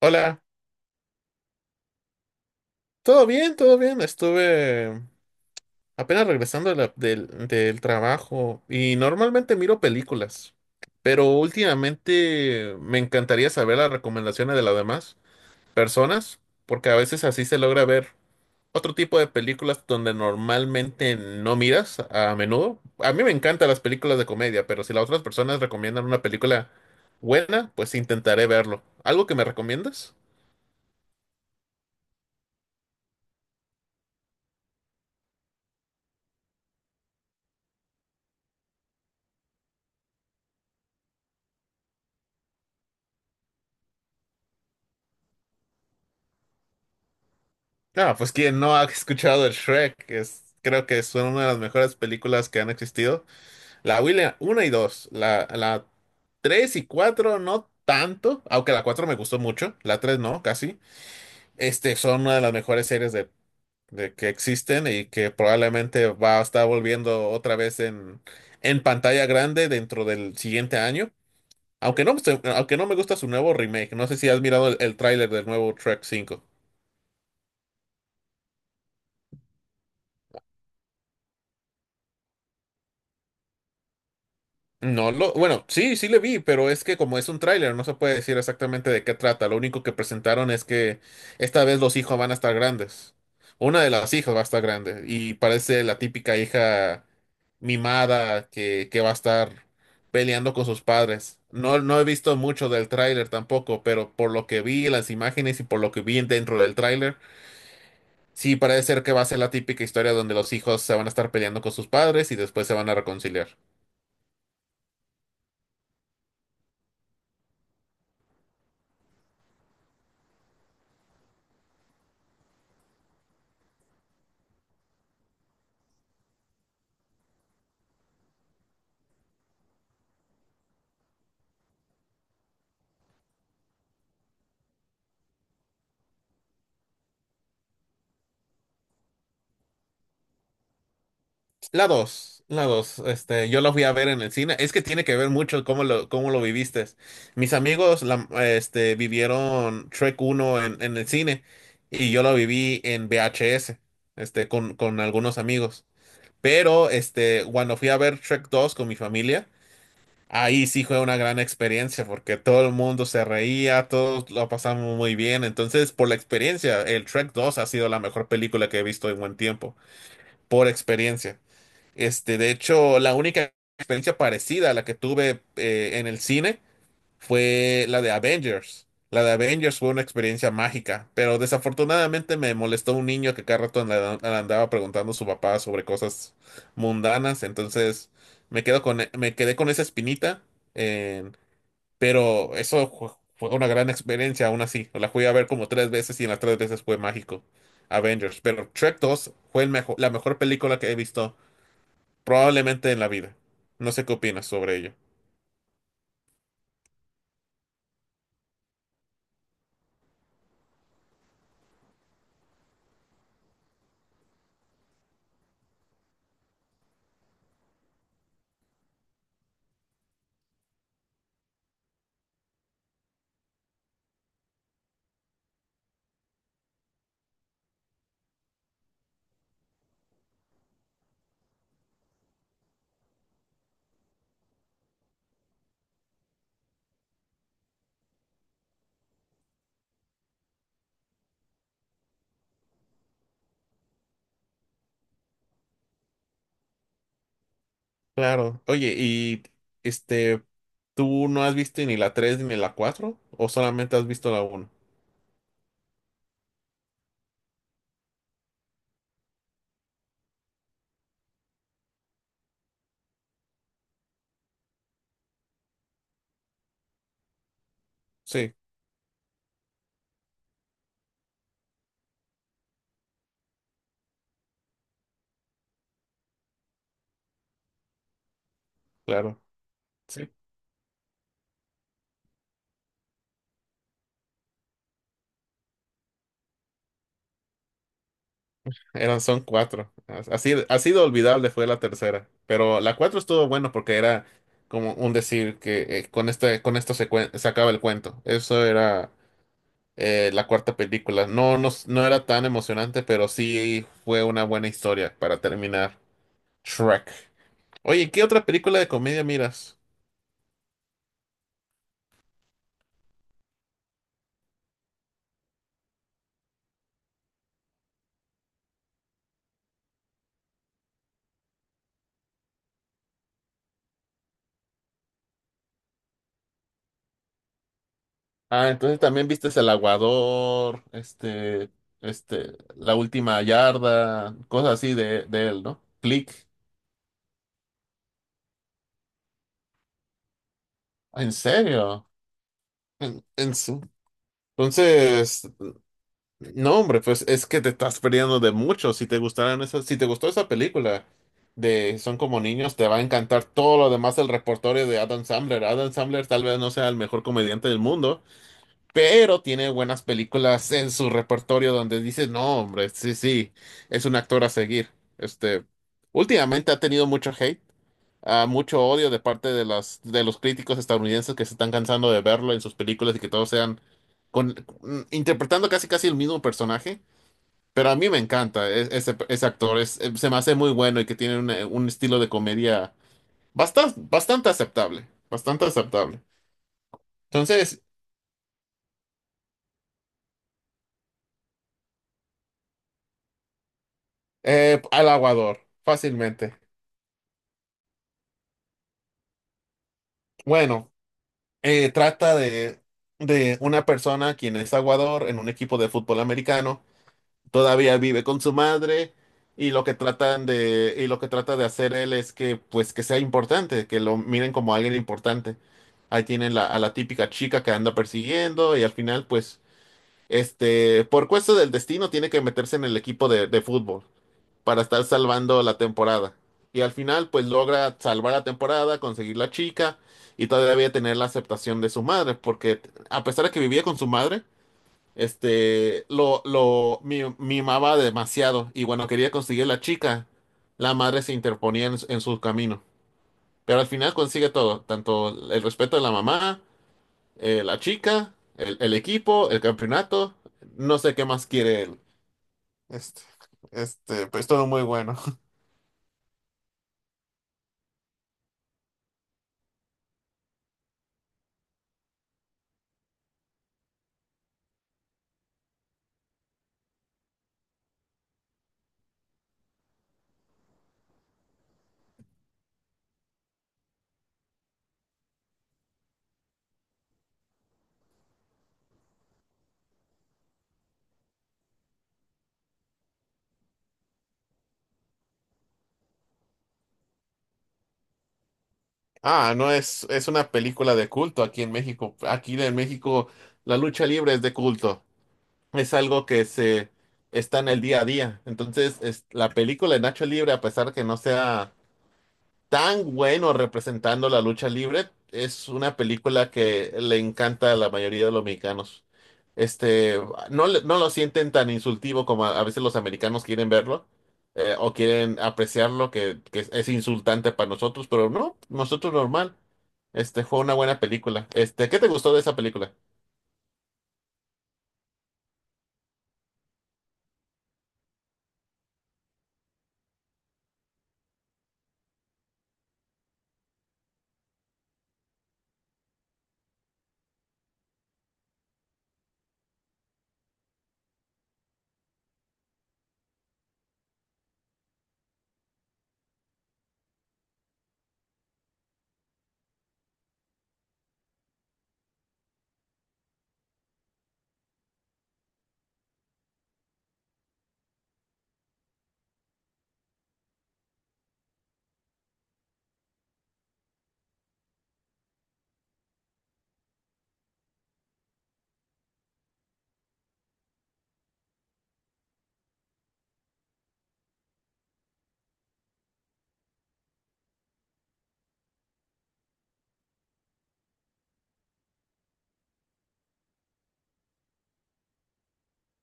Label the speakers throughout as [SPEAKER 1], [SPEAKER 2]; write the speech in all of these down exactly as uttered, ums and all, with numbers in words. [SPEAKER 1] Hola, ¿todo bien? ¿Todo bien? Estuve apenas regresando de la- del, del trabajo y normalmente miro películas, pero últimamente me encantaría saber las recomendaciones de las demás personas, porque a veces así se logra ver otro tipo de películas donde normalmente no miras a menudo. A mí me encantan las películas de comedia, pero si las otras personas recomiendan una película buena, pues intentaré verlo. ¿Algo que me recomiendas? No, pues quien no ha escuchado el Shrek, es, creo que es una de las mejores películas que han existido. La William uno y dos, la, la tres y cuatro no tanto, aunque la cuatro me gustó mucho, la tres no, casi. Este, son una de las mejores series de, de que existen y que probablemente va a estar volviendo otra vez en, en pantalla grande dentro del siguiente año. Aunque no, me- aunque no me gusta su nuevo remake, no sé si has mirado el, el tráiler del nuevo Shrek cinco. No lo, bueno, sí, sí le vi, pero es que como es un tráiler, no se puede decir exactamente de qué trata. Lo único que presentaron es que esta vez los hijos van a estar grandes. Una de las hijas va a estar grande y parece la típica hija mimada que, que va a estar peleando con sus padres. No, no he visto mucho del tráiler tampoco, pero por lo que vi en las imágenes y por lo que vi dentro del tráiler, sí parece ser que va a ser la típica historia donde los hijos se van a estar peleando con sus padres y después se van a reconciliar. La dos, la dos. Este, yo la fui a ver en el cine. Es que tiene que ver mucho cómo lo, cómo lo viviste. Mis amigos la, este, vivieron Trek uno en, en el cine y yo lo viví en V H S, este, con, con algunos amigos. Pero este, cuando fui a ver Trek dos con mi familia, ahí sí fue una gran experiencia porque todo el mundo se reía, todos lo pasamos muy bien. Entonces, por la experiencia, el Trek dos ha sido la mejor película que he visto en buen tiempo, por experiencia. Este, de hecho, la única experiencia parecida a la que tuve eh, en el cine fue la de Avengers. La de Avengers fue una experiencia mágica, pero desafortunadamente me molestó un niño que cada rato le le andaba preguntando a su papá sobre cosas mundanas, entonces me quedo con, e- me quedé con esa espinita, en- pero eso ju- fue una gran experiencia aún así. La fui a ver como tres veces y en las tres veces fue mágico. Avengers, pero Trek dos fue el mejo- la mejor película que he visto probablemente en la vida. No sé qué opinas sobre ello. Claro. Oye, y este, ¿tú no has visto ni la tres ni la cuatro? ¿O solamente has visto la uno? Sí, claro. Sí. Eran, son cuatro. As- Así, así de olvidable fue la tercera. Pero la cuatro estuvo bueno porque era como un decir que eh, con este, con esto se, cuen- se acaba el cuento. Eso era eh, la cuarta película. No, no, no era tan emocionante, pero sí fue una buena historia para terminar Shrek. Oye, ¿qué otra película de comedia miras? Ah, entonces también viste El Aguador, este, este, La Última Yarda, cosas así de, de él, ¿no? Click. ¿En serio? En, en su- Entonces, no, hombre, pues es que te estás perdiendo de mucho. Si te gustaran esas, si te gustó esa película de Son como niños, te va a encantar todo lo demás del repertorio de Adam Sandler. Adam Sandler tal vez no sea el mejor comediante del mundo, pero tiene buenas películas en su repertorio donde dices no, hombre, sí, sí, es un actor a seguir. Este, últimamente ha tenido mucho hate, ah, mucho odio de parte de las, de los críticos estadounidenses que se están cansando de verlo en sus películas y que todos sean con, mm, interpretando casi casi el mismo personaje. Pero a mí me encanta e- ese, ese actor, es, eh, se me hace muy bueno y que tiene un, eh, un estilo de comedia bastante, bastante aceptable, bastante aceptable. Entonces, eh, al aguador, fácilmente. Bueno, eh, trata de, de una persona quien es aguador en un equipo de fútbol americano, todavía vive con su madre y lo que tratan de, y lo que trata de hacer él es que, pues, que sea importante, que lo miren como alguien importante. Ahí tienen la, a la típica chica que anda persiguiendo y al final, pues, este, por cuesta del destino tiene que meterse en el equipo de, de fútbol para estar salvando la temporada. Y al final, pues logra salvar la temporada, conseguir la chica y todavía tener la aceptación de su madre, porque a pesar de que vivía con su madre, este, lo, lo mi- mimaba demasiado y bueno, quería conseguir la chica, la madre se interponía en, su- en su camino. Pero al final consigue todo, tanto el respeto de la mamá, eh, la chica, el, el equipo, el campeonato, no sé qué más quiere él. Este, este, pues todo muy bueno. Ah, no es, es una película de culto aquí en México. Aquí en México la lucha libre es de culto. Es algo que se está en el día a día. Entonces, es, la película de Nacho Libre, a pesar que no sea tan bueno representando la lucha libre, es una película que le encanta a la mayoría de los mexicanos. Este, no, le- no lo sienten tan insultivo como a, a veces los americanos quieren verlo eh, o quieren apreciarlo, que, que es, es insultante para nosotros, pero no, nosotros normal. Este, fue una buena película. Este, ¿qué te gustó de esa película?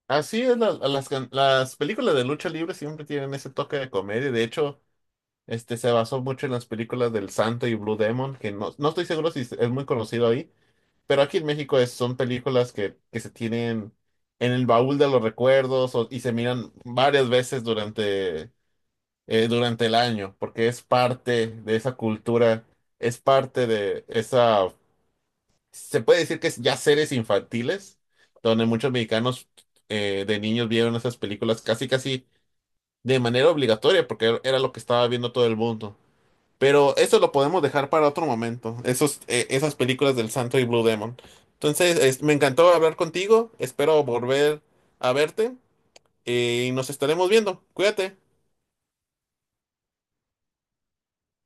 [SPEAKER 1] Así es, la- las, can- las películas de lucha libre siempre tienen ese toque de comedia. De hecho, este se basó mucho en las películas del Santo y Blue Demon, que no, no estoy seguro si es muy conocido ahí. Pero aquí en México es- son películas que, que se tienen en el baúl de los recuerdos o- y se miran varias veces durante, eh, durante el año, porque es parte de esa cultura, es parte de esa, se puede decir que es ya series infantiles, donde muchos mexicanos eh, de niños vieron esas películas casi casi de manera obligatoria, porque era era lo que estaba viendo todo el mundo. Pero eso lo podemos dejar para otro momento, esos, eh, esas películas del Santo y Blue Demon. Entonces, es- me encantó hablar contigo, espero volver a verte eh, y nos estaremos viendo. Cuídate.